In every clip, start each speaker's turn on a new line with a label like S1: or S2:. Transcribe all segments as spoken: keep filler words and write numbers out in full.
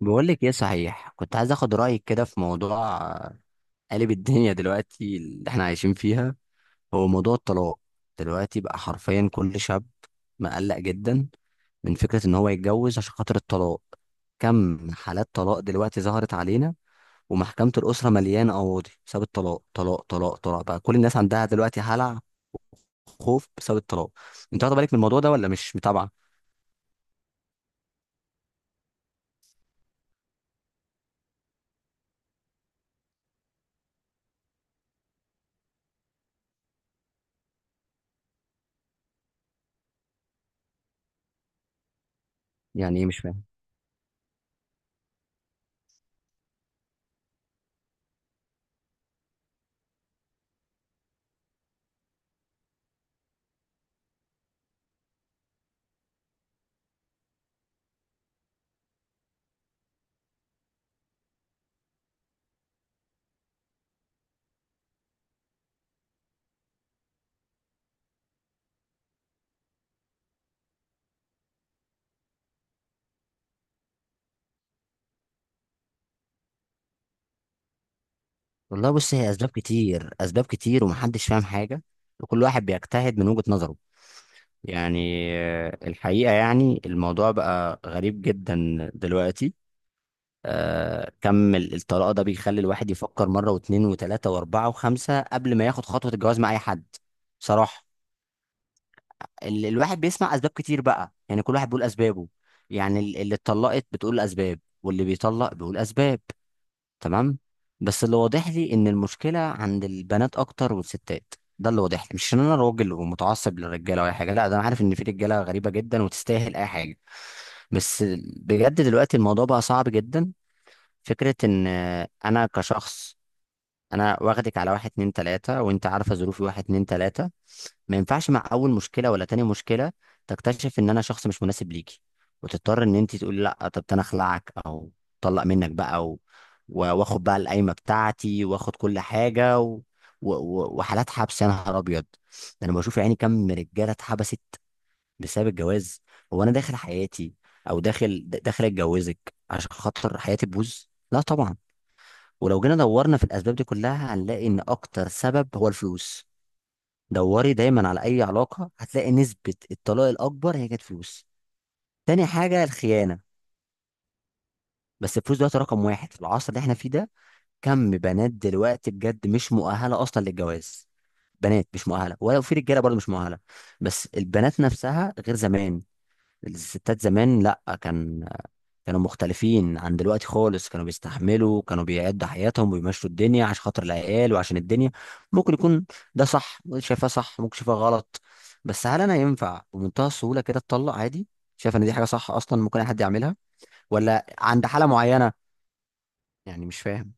S1: بقول لك ايه صحيح، كنت عايز اخد رايك كده في موضوع آه، قالب الدنيا دلوقتي اللي احنا عايشين فيها، هو موضوع الطلاق. دلوقتي بقى حرفيا كل شاب مقلق جدا من فكره ان هو يتجوز عشان خاطر الطلاق. كم حالات طلاق دلوقتي ظهرت علينا، ومحكمه الاسره مليانه قواضي بسبب الطلاق، طلاق طلاق طلاق، بقى كل الناس عندها دلوقتي هلع، خوف بسبب الطلاق. انت واخد بالك من الموضوع ده ولا مش متابعه؟ يعني إيه، مش فاهم. والله بص، هي اسباب كتير، اسباب كتير، ومحدش فاهم حاجه، وكل واحد بيجتهد من وجهه نظره. يعني آه، الحقيقه يعني الموضوع بقى غريب جدا دلوقتي. آه، كم ال- الطلاق ده بيخلي الواحد يفكر مره واتنين وتلاته واربعه وخمسه قبل ما ياخد خطوه الجواز مع اي حد، بصراحه. ال- الواحد بيسمع اسباب كتير بقى، يعني كل واحد بيقول اسبابه. يعني ال- اللي اتطلقت بتقول اسباب واللي بيطلق بيقول اسباب، تمام. بس اللي واضح لي ان المشكله عند البنات اكتر والستات. ده اللي واضح لي، مش ان انا راجل ومتعصب للرجاله ولا أي حاجه، لا، ده انا عارف ان في رجاله غريبه جدا وتستاهل اي حاجه. بس بجد دلوقتي الموضوع بقى صعب جدا. فكره ان آه، انا كشخص، انا واخدك على واحد اتنين تلاته، وانت عارفه ظروفي واحد اتنين تلاته، ما ينفعش مع اول مشكله ولا تاني مشكله تكتشف ان انا شخص مش مناسب ليكي، وتضطر ان انت تقولي لا، طب انا اخلعك او طلق منك بقى و... و- واخد بقى القايمه بتاعتي، واخد كل حاجه و... و... و- وحالات حبس، يا نهار ابيض. ده انا بشوف يعني كم رجاله اتحبست بسبب الجواز. هو انا داخل حياتي او داخل د- داخل اتجوزك عشان خاطر حياتي تبوظ؟ لا طبعا. ولو جينا دورنا في الاسباب دي كلها هنلاقي ان اكتر سبب هو الفلوس. دوري دايما على اي علاقه، هتلاقي نسبه الطلاق الاكبر هي كانت فلوس، تاني حاجه الخيانه. بس الفلوس دلوقتي رقم واحد في العصر اللي احنا فيه ده. كم بنات دلوقتي بجد مش مؤهله اصلا للجواز، بنات مش مؤهله، ولا في رجاله برضه مش مؤهله، بس البنات نفسها غير زمان. الستات زمان، لا، كان كانوا مختلفين عن دلوقتي خالص، كانوا بيستحملوا، كانوا بيعدوا حياتهم ويمشوا الدنيا عشان خاطر العيال وعشان الدنيا. ممكن يكون ده صح، شايفاه صح ممكن، شايفاه غلط. بس هل انا ينفع بمنتهى السهولة كده اتطلق عادي؟ شايف ان دي حاجة صح اصلا ممكن اي حد يعملها، ولا عند حالة معينة؟ يعني مش فاهم.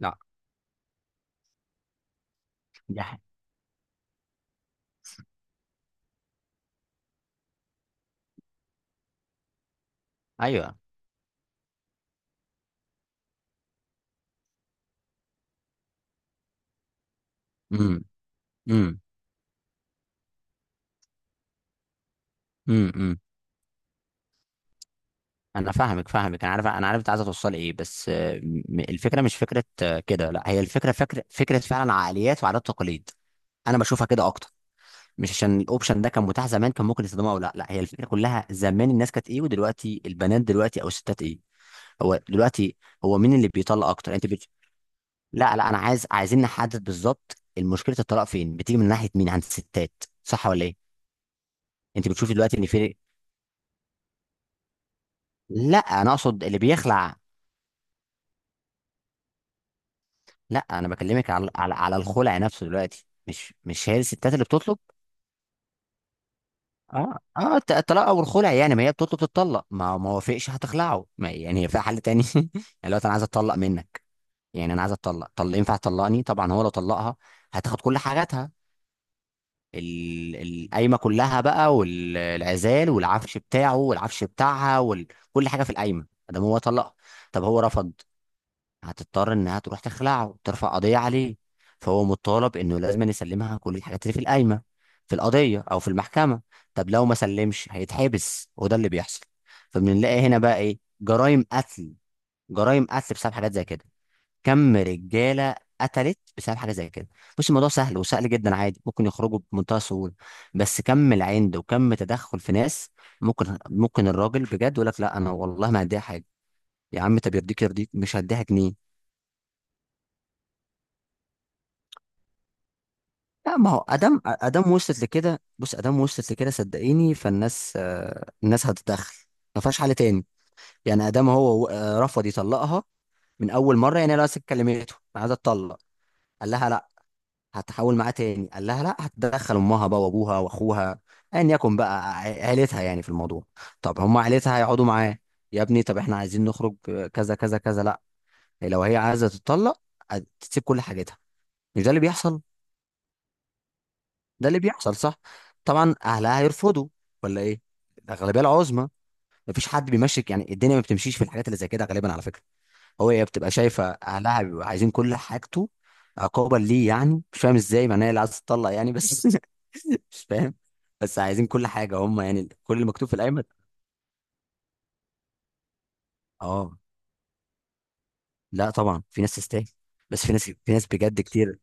S1: لا دي ح- ايوه. امم. امم. امم. امم. انا فاهمك فاهمك، انا عارف، انا عارف انت عايزه توصلي ايه، بس آه، م- الفكره مش فكره آه، كده، لا، هي الفكره فكره فكره فعلا، عقليات وعادات وتقاليد. انا بشوفها كده اكتر. مش عشان الاوبشن ده كان متاح زمان كان ممكن يستخدمه او لا، لا هي الفكره كلها زمان الناس كانت ايه، ودلوقتي البنات دلوقتي او الستات ايه. هو دلوقتي، هو مين اللي بيطلق اكتر؟ انت بت... لا لا انا عايز عايزين نحدد بالظبط المشكله، الطلاق فين بتيجي، من ناحيه مين، عند الستات صح ولا ايه؟ انت بتشوفي دلوقتي ان في... لا انا اقصد اللي بيخلع. لا انا بكلمك على على, على الخلع نفسه دلوقتي، مش مش هي الستات اللي بتطلب. اه، اه، الت- الطلاق او الخلع، يعني ما هي بتطلب تتطلق، ما ما وافقش هتخلعه، ما يعني هي يعني في حل تاني. يعني لو انا عايز اتطلق منك، يعني انا عايز اتطلق، طل ينفع تطلقني؟ طبعا. هو لو طلقها هتاخد كل حاجاتها، ال- القايمه كلها بقى، والعزال والعفش بتاعه والعفش بتاعها وكل حاجه في القايمه، ده هو طلقها. طب هو رفض، هتضطر انها تروح تخلعه، ترفع قضيه عليه، فهو مطالب انه لازم يسلمها كل الحاجات اللي في القايمه، في القضيه او في المحكمه. طب لو ما سلمش هيتحبس، وده اللي بيحصل. فبنلاقي هنا بقى ايه، جرائم قتل، جرائم قتل بسبب حاجات زي كده. كم رجاله قتلت بسبب حاجه زي كده. بص الموضوع سهل، وسهل جدا، عادي ممكن يخرجوا بمنتهى السهوله، بس كم العند، وكم تدخل في ناس. ممكن ممكن الراجل بجد يقول لك لا انا والله ما هديها حاجه. يا عم، طب يرضيك، يرضيك مش هديها جنيه؟ لا، ما هو ادم ادم وصلت لكده، بص ادم وصلت لكده صدقيني، فالناس آه، الناس هتتدخل، ما فيهاش حل تاني. يعني ادم هو آه، رفض يطلقها من اول مره، يعني لو كلمته انا عايز اتطلق، قال لها لا، هتحاول معاه تاني قال لها لا، هتدخل امها بقى، وابوها واخوها، ايا يكن بقى ع- عيلتها يعني في الموضوع. طب هم عيلتها هيقعدوا معاه، يا ابني طب احنا عايزين نخرج آه، كذا كذا كذا، لا، لو هي عايزه تتطلق هتسيب كل حاجتها. مش ده اللي بيحصل؟ ده اللي بيحصل، صح. طبعا اهلها هيرفضوا، ولا ايه، الاغلبيه العظمى. مفيش حد بيمشك، يعني الدنيا ما بتمشيش في الحاجات اللي زي كده غالبا، على فكره. هو هي بتبقى شايفه اهلها بيبقوا عايزين كل حاجته، عقابا ليه، يعني مش فاهم ازاي، معناها اللي عايز تطلق يعني بس مش فاهم. بس عايزين كل حاجه هم، يعني كل اللي مكتوب في القايمه. اه. لا طبعا في ناس تستاهل، بس في ناس في ناس بجد كتير.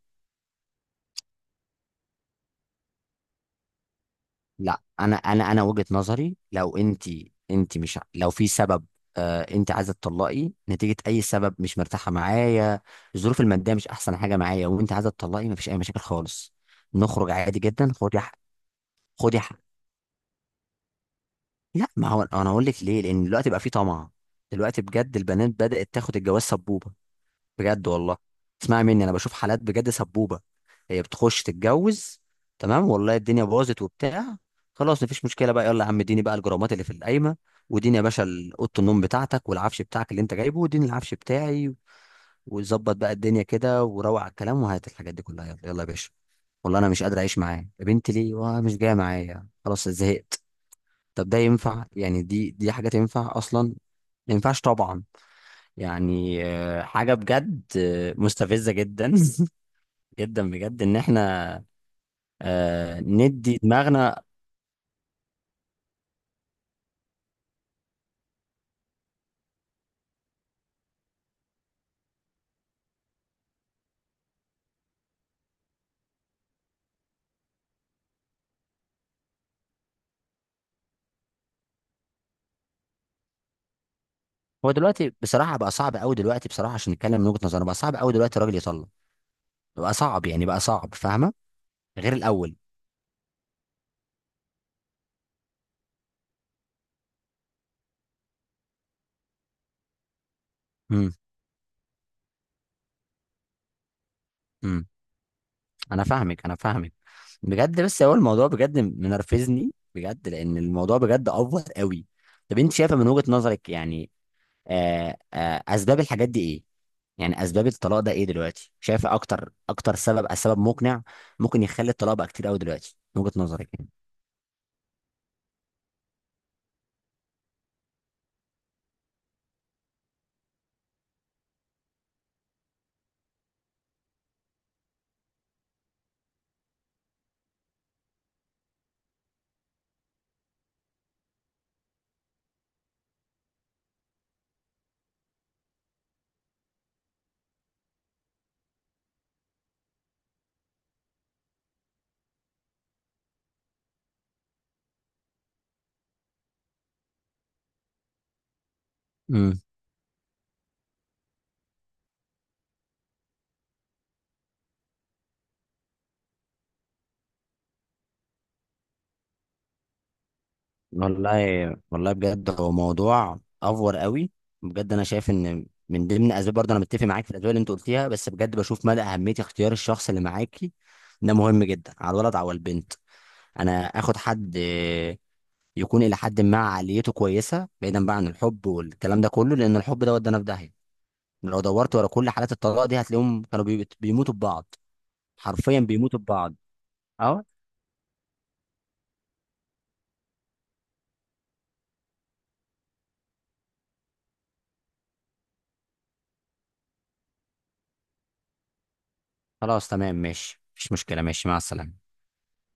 S1: لا، انا انا انا وجهة نظري، لو انت، انت مش ع- لو في سبب، آه انت عايزه تطلقي نتيجه اي سبب، مش مرتاحه معايا، الظروف الماديه مش احسن حاجه معايا وانت عايزه تطلقي، مفيش اي مشاكل خالص، نخرج عادي جدا، خدي حق. خدي حق. لا، ما هو انا هقول لك ليه، لان دلوقتي بقى في طمع، دلوقتي بجد البنات بدات تاخد الجواز سبوبه، بجد والله. اسمعي مني، انا بشوف حالات بجد سبوبه، هي بتخش تتجوز، تمام، والله الدنيا باظت وبتاع، خلاص مفيش مشكله بقى، يلا يا عم اديني بقى الجرامات اللي في القايمه، واديني يا باشا ال- اوضه النوم بتاعتك والعفش بتاعك اللي انت جايبه، واديني العفش بتاعي، وظبط بقى الدنيا كده، وروق على الكلام، وهات الحاجات دي كلها، يلا يلا يا باشا، والله انا مش قادر اعيش معاه يا بنتي، ليه؟ واه مش جايه معايا، خلاص زهقت. طب ده ينفع يعني، دي دي حاجات ينفع اصلا؟ ما ينفعش طبعا. يعني آه، حاجة بجد آه، مستفزة جدا جدا بجد، ان احنا آه، ندي دماغنا. هو دلوقتي بصراحة بقى صعب قوي، دلوقتي بصراحة عشان نتكلم من وجهة نظرنا بقى صعب قوي دلوقتي الراجل يطلق، بقى صعب يعني، بقى صعب فاهمة، غير الأول. امم. امم. انا فاهمك، انا فاهمك بجد، بس هو الموضوع بجد منرفزني، بجد لان الموضوع بجد افور قوي. طب انت شايفة من وجهة نظرك يعني آه، آه، اسباب الحاجات دي ايه، يعني اسباب الطلاق ده ايه دلوقتي، شايف اكتر اكتر سبب سبب مقنع ممكن يخلي الطلاق بقى كتير قوي دلوقتي من وجهة نظرك يعني. امم. والله، والله بجد هو موضوع افور قوي. بجد انا شايف ان من ضمن اسباب برضه انا متفق معاك في الاسباب اللي انت قلتيها، بس بجد بشوف مدى اهميه اختيار الشخص اللي معاكي، ده مهم جدا، على الولد او البنت، انا اخد حد آه، يكون الى حد ما عقليته كويسه، بعيدا بقى عن الحب والكلام ده كله، لان الحب ده ودانا في داهيه. لو دورت ورا كل حالات الطلاق دي هتلاقيهم كانوا بي- بيموتوا ببعض، حرفيا بيموتوا ببعض. اهو. خلاص تمام ماشي، مفيش مشكلة، ماشي مع السلامة.